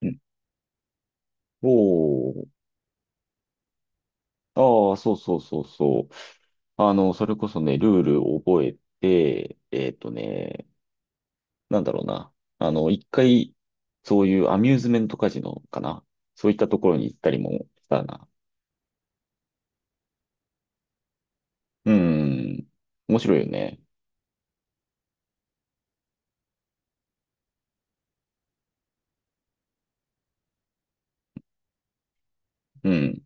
うん。おー。ああ、そうそうそうそう。あの、それこそね、ルールを覚えて、なんだろうな。あの、一回、そういうアミューズメントカジノかな。そういったところに行ったりもしたな。うん。面白いよね。うん。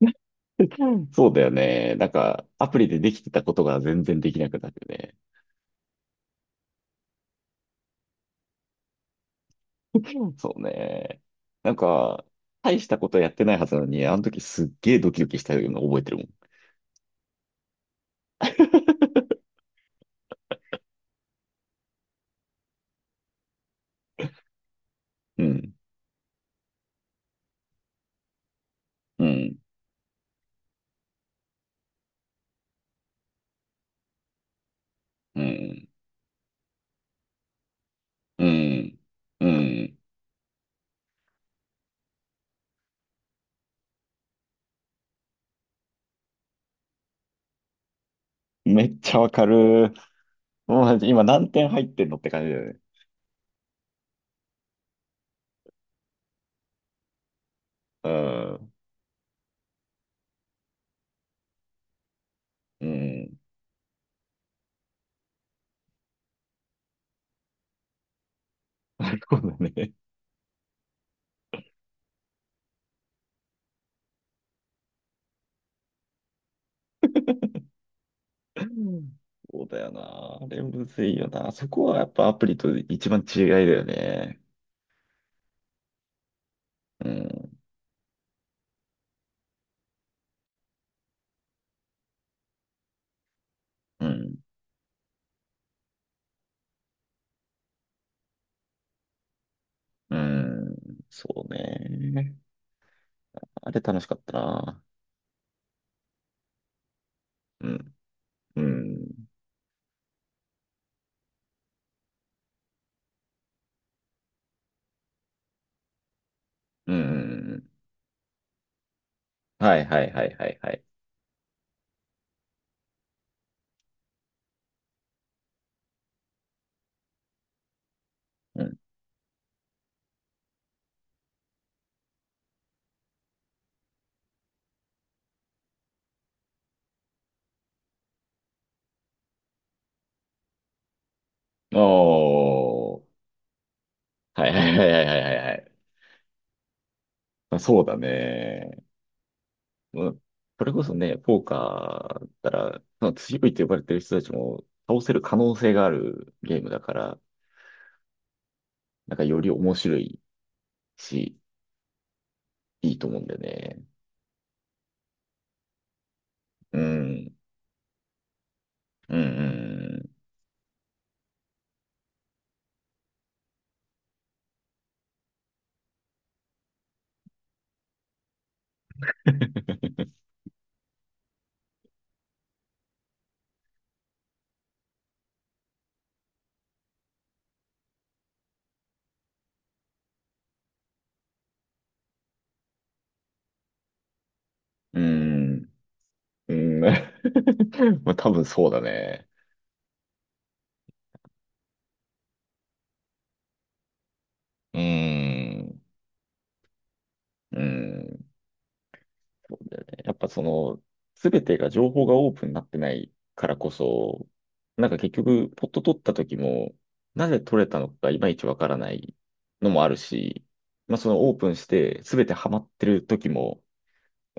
そうだよね。なんか、アプリでできてたことが全然できなくなるよね。そうね。なんか、大したことやってないはずなのに、あの時すっげえドキドキしたのを覚えてるもん。うん、うん、うん、うん、うん。めっちゃわかる。もう今何点入ってんのって感じだよね。うん、うん。なるほどね。うんそうだよな。あれむずいよな。そこはやっぱアプリと一番違いだよね。うん、うん、うん。そうね。あれ楽しかったな。うん、うん、うん。はいはいはいはいはい。うん。おー。はいはいはいはいはいはいはい。まあ、そうだね。うん、それこそね、ポーカーだったら、まあ強いと呼ばれてる人たちも倒せる可能性があるゲームだから、なんかより面白いし、いいと思うんだよね。うん。うん。うん。うん。うん まあ、多分そうだね。うん。うん。そうだよね。やっぱその、すべてが情報がオープンになってないからこそ、なんか結局、ポット取った時も、なぜ取れたのかいまいちわからないのもあるし、まあそのオープンしてすべてハマってる時も、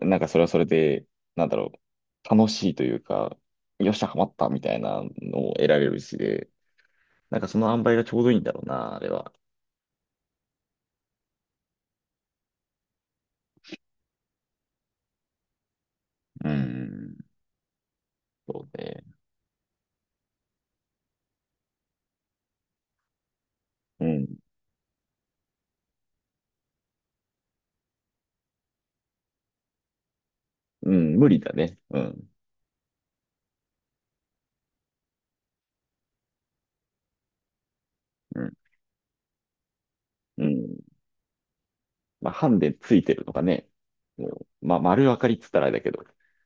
なんかそれはそれで、なんだろう、楽しいというか、よっしゃ、ハマったみたいなのを得られるしで、なんかその塩梅がちょうどいいんだろうな、あれは。うん。そうね。うん。うん、無理だね。うん。うん。うんまあ、ハンデついてるのがね、もう、まあ、丸分かりっつったらあれだけど。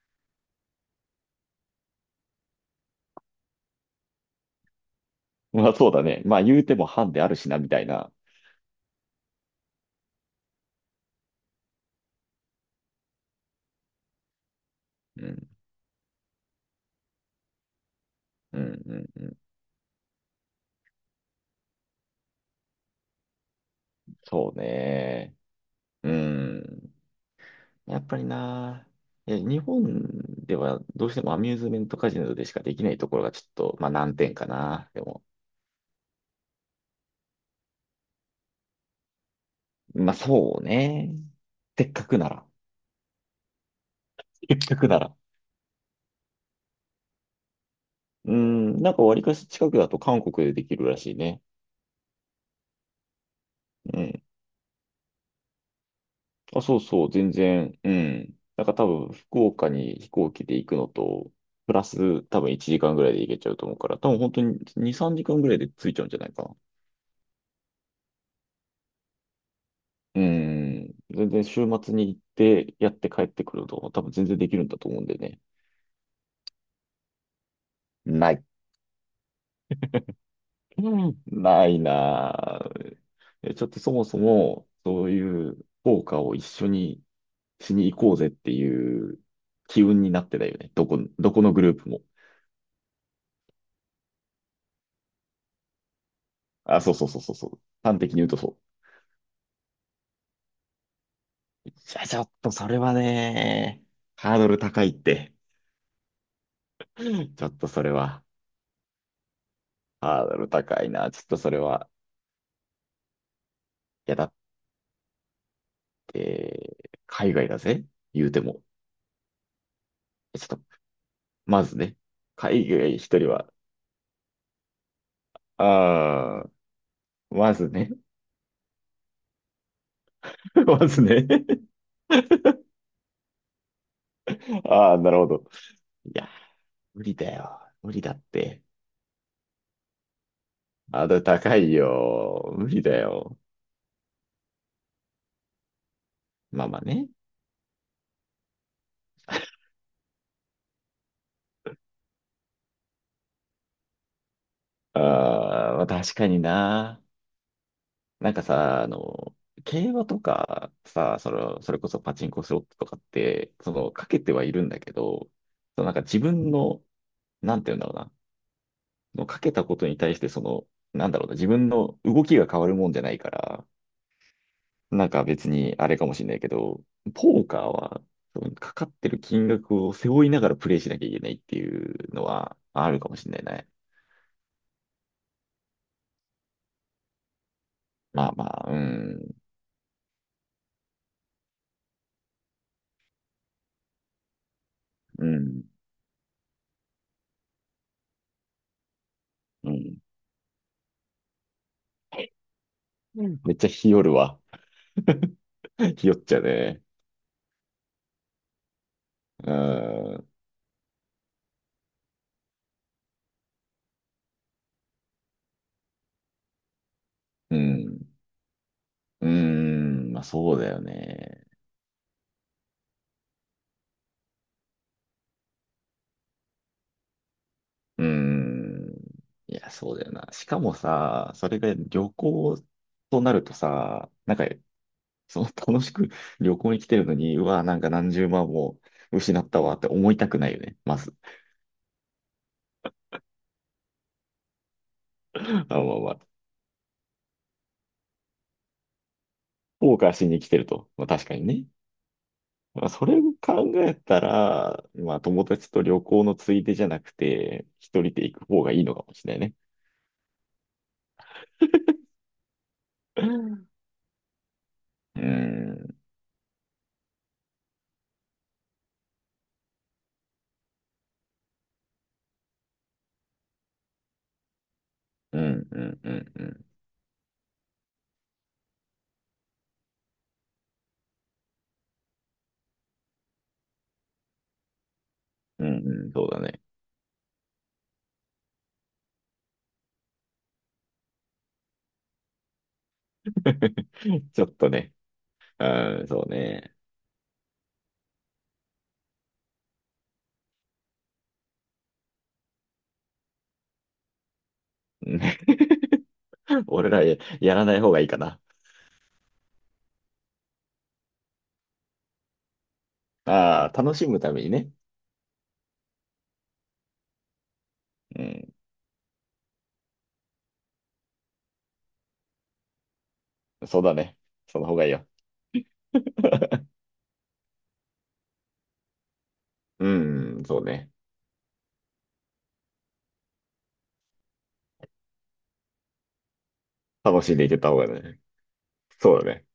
まあ、そうだね。まあ、言うてもハンデあるしな、みたいな。うん、うん、うん、うん。そうね。うん。やっぱりな。いや日本ではどうしてもアミューズメントカジノでしかできないところがちょっと、まあ、難点かな。でも、まあ、そうね。せっかくなら。せっかくなら。うん、なんか割かし近くだと韓国でできるらしいね。うんあ、そうそう、全然、うん。なんか多分、福岡に飛行機で行くのと、プラス多分1時間ぐらいで行けちゃうと思うから、多分本当に2、3時間ぐらいで着いちゃうんじゃないかな。うん。全然週末に行って、やって帰ってくると、多分全然できるんだと思うんでね。ない。うんないなぁ。えちょっとそもそも、そういう福岡を一緒にしに行こうぜっていう機運になってたよね。どこ、どこのグループも。あ、そうそうそうそうそう。端的に言うとそう。いや、ちょっとそれはね、ハードル高いって。ちょっとそれは、ハードル高いな。ちょっとそれは、いや、だって、海外だぜ言うても。ちょっと、まずね、海外一人は、ああ、まずね、まずね。ああ、なるほど。いや、無理だよ。無理だって。ハードル高いよ。無理だよ。まあまあね。ああ、まあ確かにな。なんかさ、あの、競馬とかさ、それ、それこそパチンコスロットとかって、その、かけてはいるんだけど、そのなんか自分の、なんて言うんだろうな、そのかけたことに対して、その、なんだろうな、自分の動きが変わるもんじゃないから、なんか別にあれかもしれないけど、ポーカーは、そのかかってる金額を背負いながらプレイしなきゃいけないっていうのはあるかもしれないね。まあまあ、うん、うん、うん。めっちゃ日和るわ。日和っちゃうね。うーん、うん、うーん、まあそうだよね。うーん、いや、そうだよな。しかもさ、それが旅行となるとさ、なんか、その楽しく旅行に来てるのに、うわ、なんか何十万も失ったわって思いたくないよね、まず。あ、まあまあ、後悔しに来てると。まあ確かにね。まあそれを考えたら、まあ友達と旅行のついでじゃなくて、一人で行く方がいいのかもしれないね。うん。うん、うん、うん、うん。うん、うんそうだね。ちょっとね。うん、そうね。うん 俺らや、やらない方がいいかな。ああ、楽しむためにね。うん、そうだね。その方がいいよ。うん、そうね。楽しんでいけた方がね。そうだね。